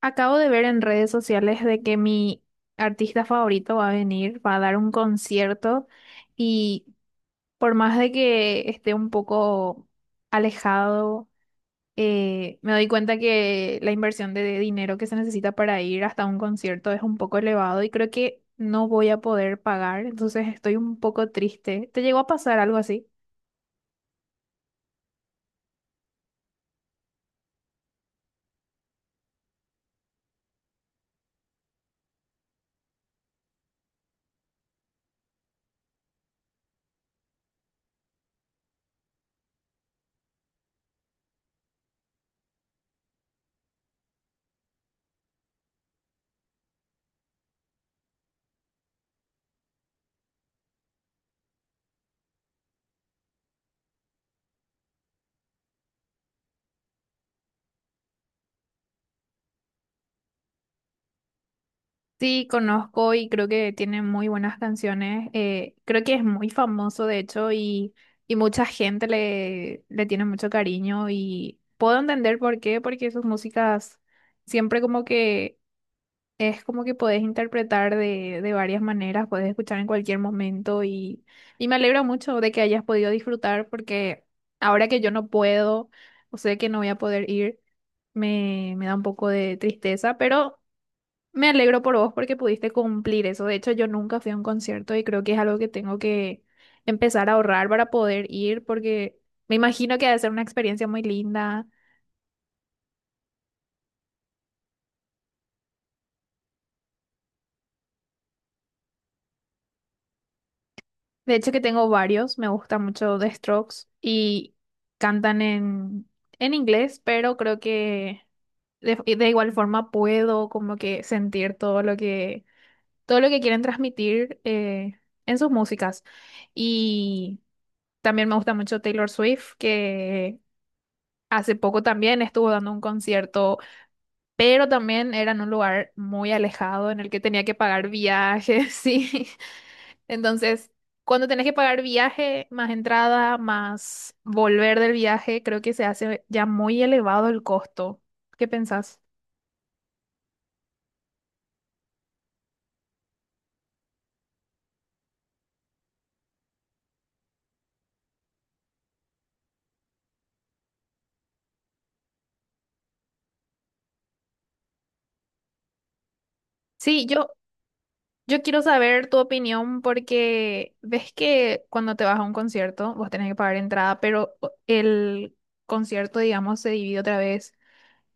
Acabo de ver en redes sociales de que mi artista favorito va a venir, va a dar un concierto y por más de que esté un poco alejado, me doy cuenta que la inversión de dinero que se necesita para ir hasta un concierto es un poco elevado y creo que no voy a poder pagar, entonces estoy un poco triste. ¿Te llegó a pasar algo así? Sí, conozco y creo que tiene muy buenas canciones. Creo que es muy famoso, de hecho, y mucha gente le tiene mucho cariño y puedo entender por qué, porque sus músicas siempre como que es como que podés interpretar de varias maneras, podés escuchar en cualquier momento y me alegro mucho de que hayas podido disfrutar porque ahora que yo no puedo o sé que no voy a poder ir, me da un poco de tristeza, pero... Me alegro por vos porque pudiste cumplir eso. De hecho, yo nunca fui a un concierto y creo que es algo que tengo que empezar a ahorrar para poder ir porque me imagino que ha de ser una experiencia muy linda. De hecho, que tengo varios. Me gusta mucho The Strokes y cantan en inglés, pero creo que de igual forma puedo como que sentir todo lo que quieren transmitir en sus músicas. Y también me gusta mucho Taylor Swift, que hace poco también estuvo dando un concierto, pero también era en un lugar muy alejado en el que tenía que pagar viajes, sí. Entonces, cuando tenés que pagar viaje, más entrada, más volver del viaje, creo que se hace ya muy elevado el costo. ¿Qué pensás? Sí, yo, yo quiero saber tu opinión porque ves que cuando te vas a un concierto, vos tenés que pagar entrada, pero el concierto, digamos, se divide otra vez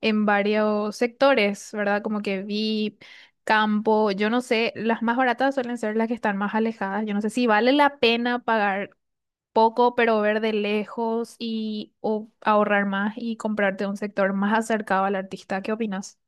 en varios sectores, ¿verdad? Como que VIP, campo, yo no sé, las más baratas suelen ser las que están más alejadas. Yo no sé si vale la pena pagar poco, pero ver de lejos y o ahorrar más y comprarte un sector más acercado al artista. ¿Qué opinas?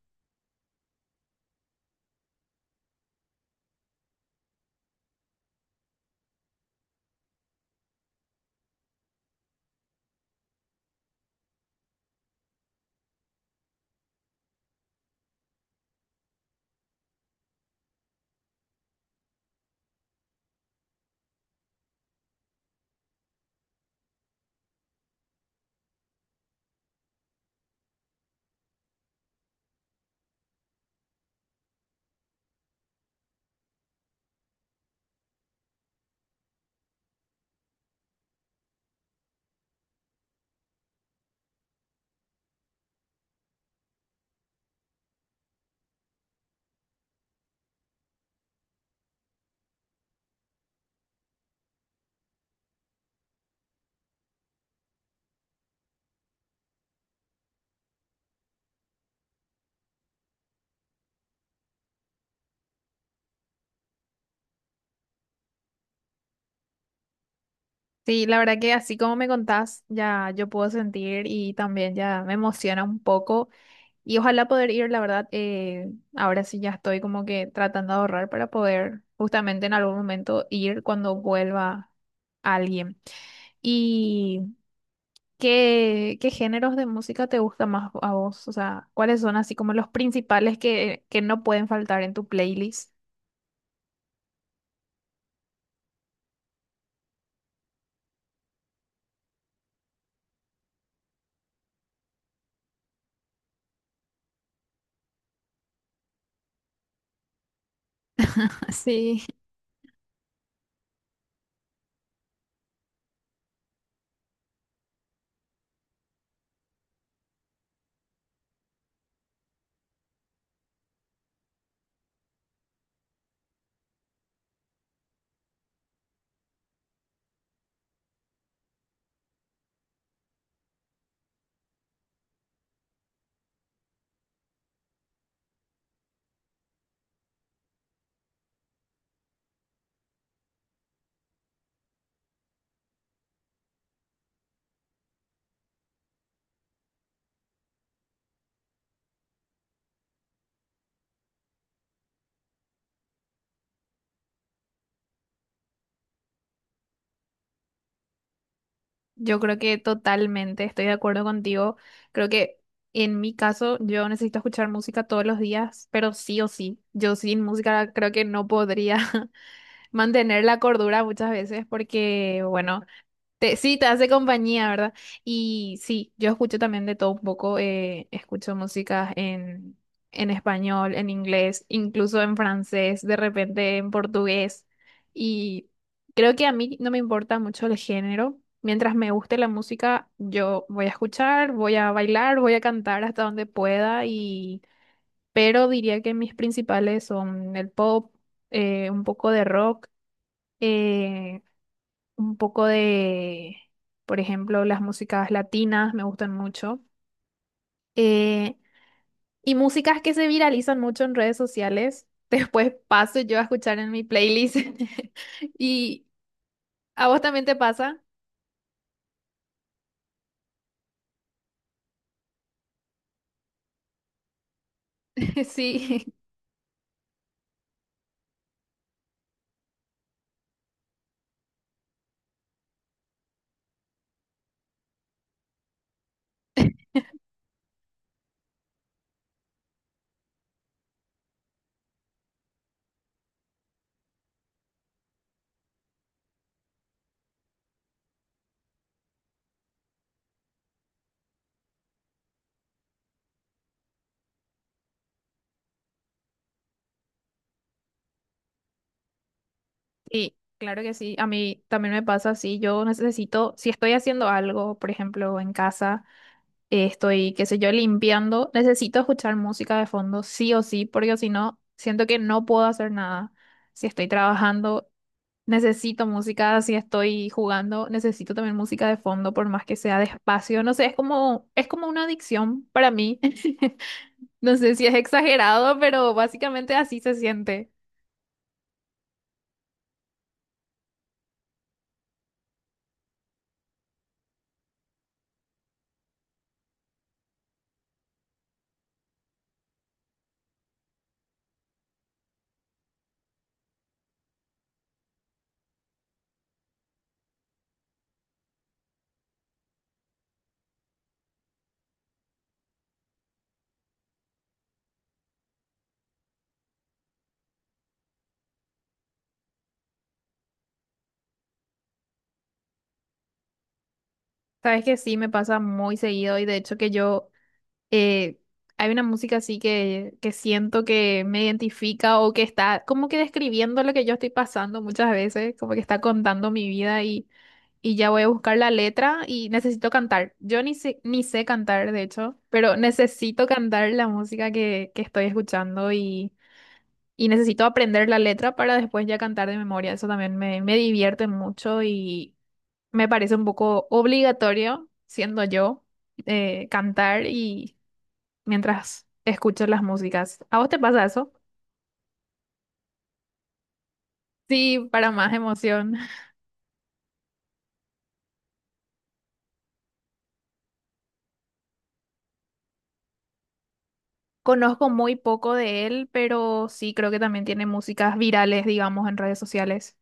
Sí, la verdad que así como me contás, ya yo puedo sentir y también ya me emociona un poco. Y ojalá poder ir, la verdad, ahora sí ya estoy como que tratando de ahorrar para poder justamente en algún momento ir cuando vuelva alguien. ¿Y qué géneros de música te gusta más a vos? O sea, ¿cuáles son así como los principales que no pueden faltar en tu playlist? Sí, yo creo que totalmente estoy de acuerdo contigo. Creo que en mi caso yo necesito escuchar música todos los días, pero sí o sí, yo sin música creo que no podría. Mantener la cordura muchas veces porque, bueno, sí, te hace compañía, ¿verdad? Y sí, yo escucho también de todo un poco, escucho músicas en español, en inglés, incluso en francés, de repente en portugués. Y creo que a mí no me importa mucho el género. Mientras me guste la música, yo voy a escuchar, voy a bailar, voy a cantar hasta donde pueda y... Pero diría que mis principales son el pop, un poco de rock, eh, un poco por ejemplo, las músicas latinas me gustan mucho. eh, y músicas que se viralizan mucho en redes sociales. Después paso yo a escuchar en mi playlist. ¿Y a vos también te pasa? Sí, sí, claro que sí. A mí también me pasa así. Yo necesito, si estoy haciendo algo, por ejemplo, en casa. Estoy, qué sé yo, limpiando, necesito escuchar música de fondo, sí o sí, porque si no, siento que no puedo hacer nada. Si estoy trabajando, necesito música, si estoy jugando, necesito también música de fondo, por más que sea despacio. No sé, es como una adicción para mí. No sé si es exagerado, pero básicamente así se siente. Sabes que sí, me pasa muy seguido y de hecho que yo eh, hay una música así que siento que me identifica o que está como que describiendo lo que yo estoy pasando muchas veces, como que está contando mi vida y ya voy a buscar la letra y necesito cantar. Yo ni sé cantar, de hecho, pero necesito cantar la música que estoy escuchando y necesito aprender la letra para después ya cantar de memoria. Eso también me divierte mucho y me parece un poco obligatorio, siendo yo, cantar y mientras escucho las músicas. ¿A vos te pasa eso? Sí, para más emoción. Conozco muy poco de él, pero sí creo que también tiene músicas virales, digamos, en redes sociales.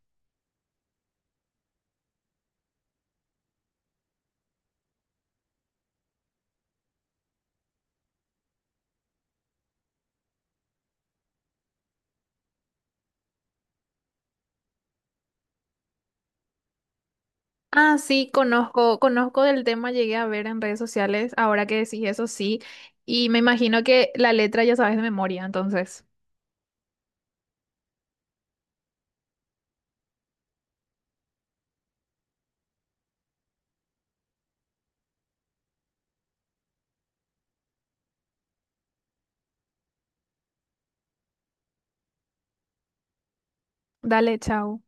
Ah, sí, conozco, conozco del tema, llegué a ver en redes sociales, ahora que decís eso sí, y me imagino que la letra ya sabes de memoria, entonces. Dale, chao.